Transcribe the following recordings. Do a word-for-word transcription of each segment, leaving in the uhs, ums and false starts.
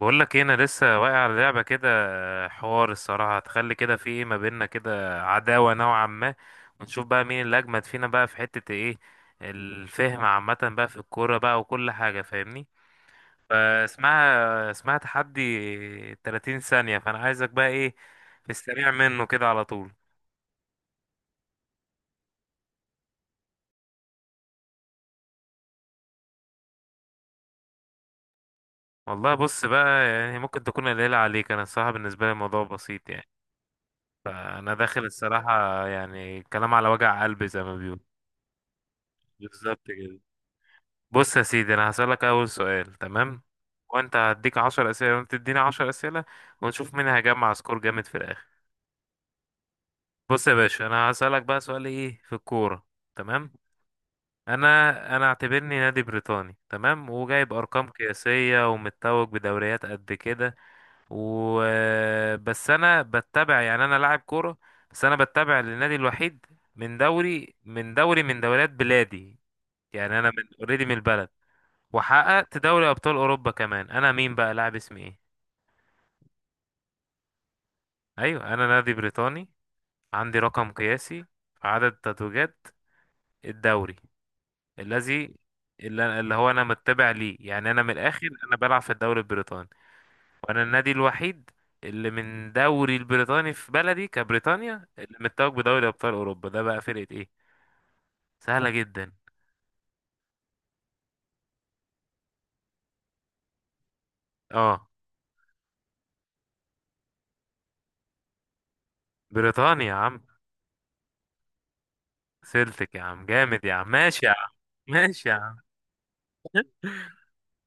بقول لك ايه، انا لسه واقع على لعبه كده. حوار الصراحه هتخلي كده في ايه ما بيننا، كده عداوه نوعا ما. ونشوف بقى مين اللي اجمد فينا بقى في حته ايه، الفهم عامه بقى في الكوره بقى وكل حاجه، فاهمني؟ فاسمها اسمها تحدي ثلاثين ثانيه، فانا عايزك بقى ايه، في السريع منه كده على طول. والله بص بقى، يعني ممكن تكون قليله عليك، انا الصراحه بالنسبه لي الموضوع بسيط يعني. فانا داخل الصراحه يعني كلام على وجع قلبي زي ما بيقولوا. بالظبط كده. بص يا سيدي، انا هسألك اول سؤال، تمام. وانت هديك عشر اسئله وانت تديني عشر اسئله، ونشوف مين هيجمع سكور جامد في الاخر. بص يا باشا، انا هسألك بقى سؤال ايه، في الكوره. تمام. انا انا اعتبرني نادي بريطاني، تمام، وجايب ارقام قياسيه ومتوج بدوريات قد كده. و بس انا بتبع، يعني انا لاعب كوره بس انا بتبع للنادي الوحيد من دوري من دوري من دوريات بلادي. يعني انا من اوريدي، من البلد، وحققت دوري ابطال اوروبا كمان. انا مين بقى، لاعب اسمي ايه؟ ايوه انا نادي بريطاني، عندي رقم قياسي في عدد تتويجات الدوري الذي اللي اللي هو انا متبع ليه. يعني انا من الاخر انا بلعب في الدوري البريطاني، وانا النادي الوحيد اللي من دوري البريطاني في بلدي كبريطانيا اللي متوج بدوري ابطال اوروبا. ده بقى فرقة ايه؟ سهلة جدا. اه، بريطانيا يا عم. سلتك يا عم، جامد يا عم، ماشي يا عم. ماشي يا عم.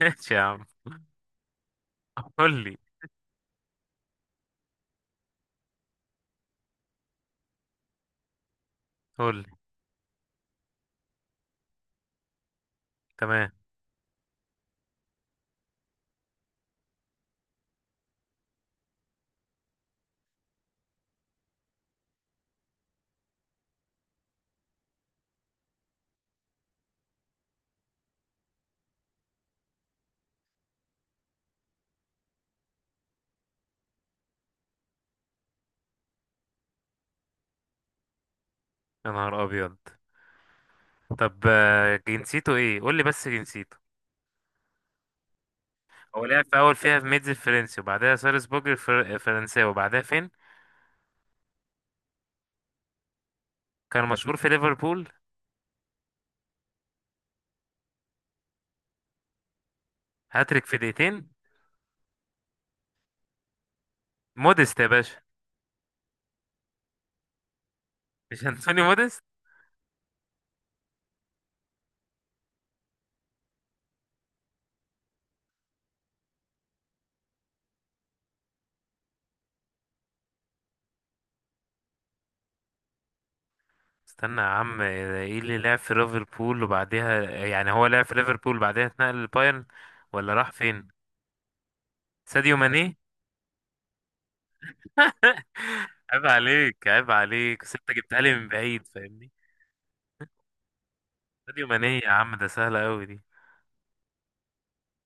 ماشي يا عم. قول لي. قول لي. تمام. يا نهار ابيض. طب آه، جنسيته ايه قول لي، بس جنسيته. هو لعب في اول فيها في ميدز الفرنسي وبعدها سالزبورج الفر- الفرنساوي، وبعدها فين؟ كان مشهور في ليفربول. هاتريك في دقيقتين. موديست يا باشا. مش انتوني موديست. استنى يا عم، ايه اللي لعب في ليفربول وبعدها، يعني هو لعب في ليفربول وبعدها اتنقل للبايرن ولا راح فين؟ ساديو ماني. عيب عليك، عيب عليك، بس انت جبتها لي من بعيد، فاهمني. ساديو ماني يا عم، ده سهله قوي دي.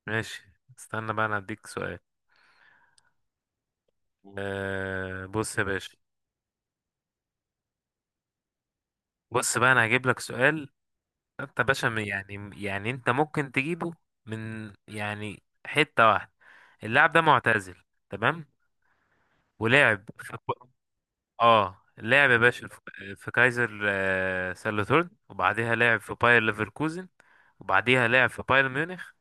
ماشي. استنى بقى، انا هديك سؤال. أه، بص يا باشا. بص بقى، انا هجيب لك سؤال. انت يا باشا م- يعني يعني انت ممكن تجيبه من يعني حتة واحدة. اللاعب ده معتزل، تمام. ولعب في ب- اه، لعب يا باشا في في كايزر آه، سالوتورن، وبعديها لعب في باير ليفركوزن، وبعديها لعب في بايرن ميونخ،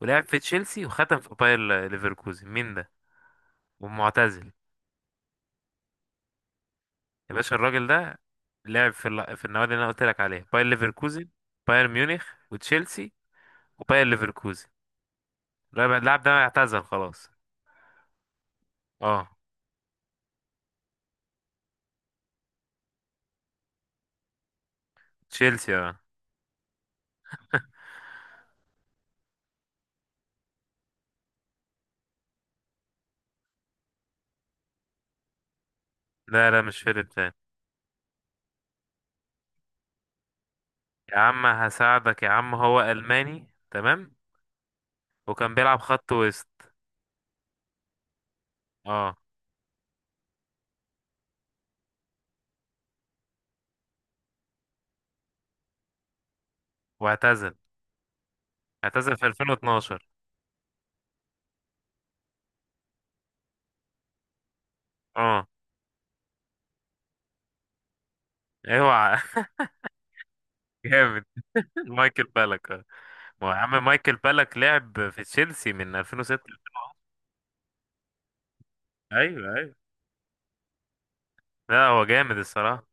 ولعب في تشيلسي وختم في باير ليفركوزن. مين ده؟ ومعتزل. يا باشا الراجل ده لعب في ال- في النوادي اللي انا قلت لك عليها، باير ليفركوزن، باير ميونخ، وتشيلسي، وباير ليفركوزن. اللاعب اللاعب ده اعتزل خلاص. اه. تشيلسي اه. لا لا، مش فيرب تاني. يا عم هساعدك يا عم، هو ألماني، تمام، وكان بيلعب خط وسط. اه. واعتزل. اعتزل في ألفين واتناشر. اه. اوعى. جامد. مايكل بالك. اه. ما هو يا عم مايكل بالك لعب في تشيلسي من ألفين وستة. ايوه ايوه، لا هو جامد الصراحة.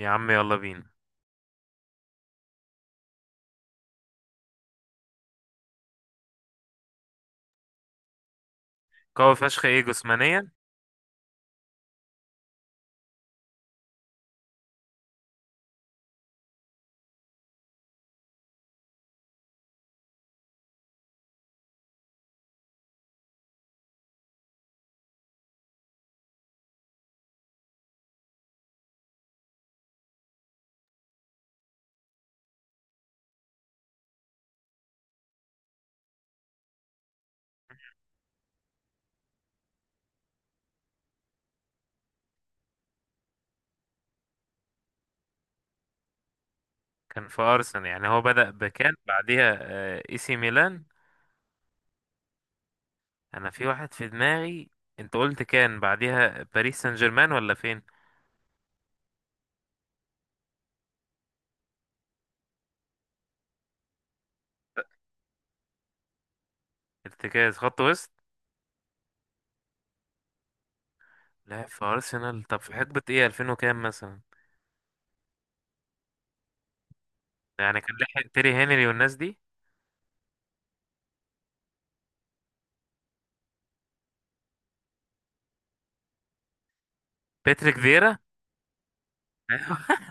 يا عم يلا بينا. قوي فشخ ايه جسمانيا؟ كان في ارسنال. يعني هو بدأ بكان، بعديها آه، اي سي ميلان. انا في واحد في دماغي. انت قلت كان بعديها باريس سان جيرمان ولا فين؟ ارتكاز خط وسط. لعب في ارسنال، طب في حقبة ايه، ألفين وكام مثلا؟ يعني كان لحق تيري هنري والناس دي. باتريك فييرا.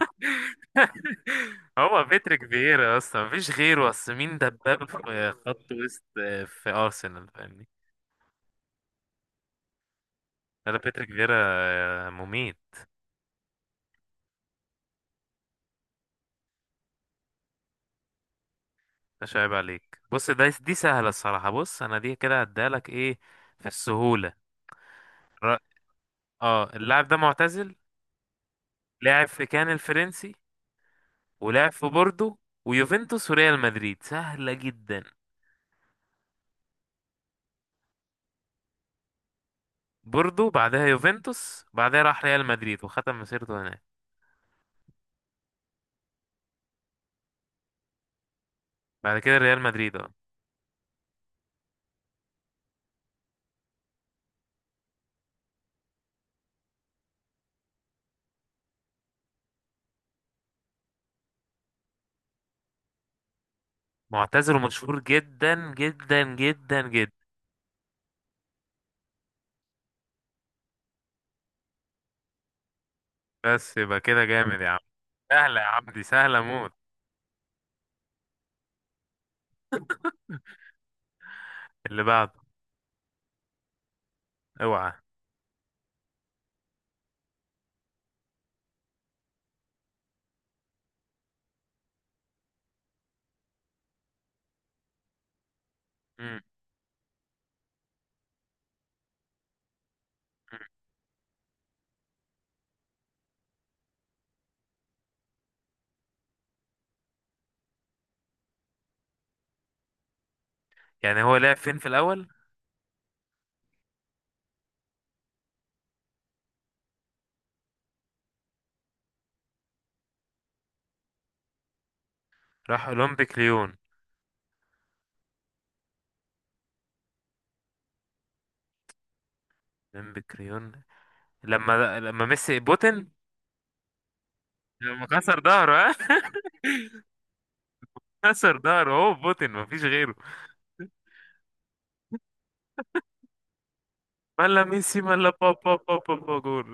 هو باتريك فييرا اصلا مفيش غيره، اصل مين دبابة في خط وسط آه، في ارسنال، فاهمني. لا لا، باتريك فييرا آه، مميت. مش عيب عليك، بص ده دي سهلة الصراحة. بص، أنا دي كده هديها لك إيه، في السهولة. ر- اه اللاعب ده معتزل. لاعب في كان الفرنسي، ولاعب في بوردو ويوفنتوس وريال مدريد. سهلة جدا. بوردو، بعدها يوفنتوس، بعدها راح ريال مدريد وختم مسيرته هناك. بعد كده ريال مدريد، اه. معتزل ومشهور جدا جدا جدا جدا. بس يبقى كده جامد يا عم. سهلة يا عم، دي سهلة موت. اللي بعده. اوعى. مم. يعني هو لعب فين في الأول؟ راح أولمبيك ليون. بن بكريون. لما لما ميسي بوتن. لما كسر ظهره، ها. كسر ظهره، هو بوتن مفيش غيره. ملا ميسي ملا بابا بابا بابا جول.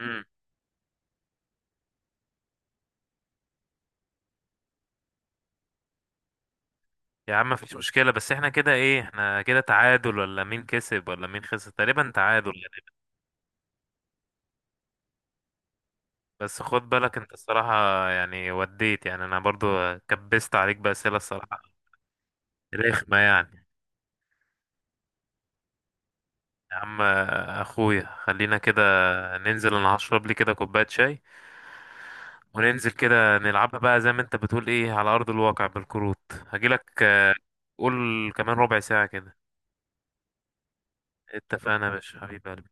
مم. يا عم مفيش مشكلة، بس احنا كده ايه، احنا كده تعادل ولا مين كسب ولا مين خسر؟ تقريبا تعادل يعني. بس خد بالك انت الصراحة يعني، وديت يعني انا برضو كبست عليك بأسئلة الصراحة. رخمة يعني. يا عم اخويا، خلينا كده ننزل، انا هشرب لي كده كوباية شاي وننزل كده نلعبها بقى زي ما انت بتقول ايه، على ارض الواقع، بالكروت. هجيلك آه، قول، كمان ربع ساعة كده. اتفقنا يا باشا حبيب قلبي.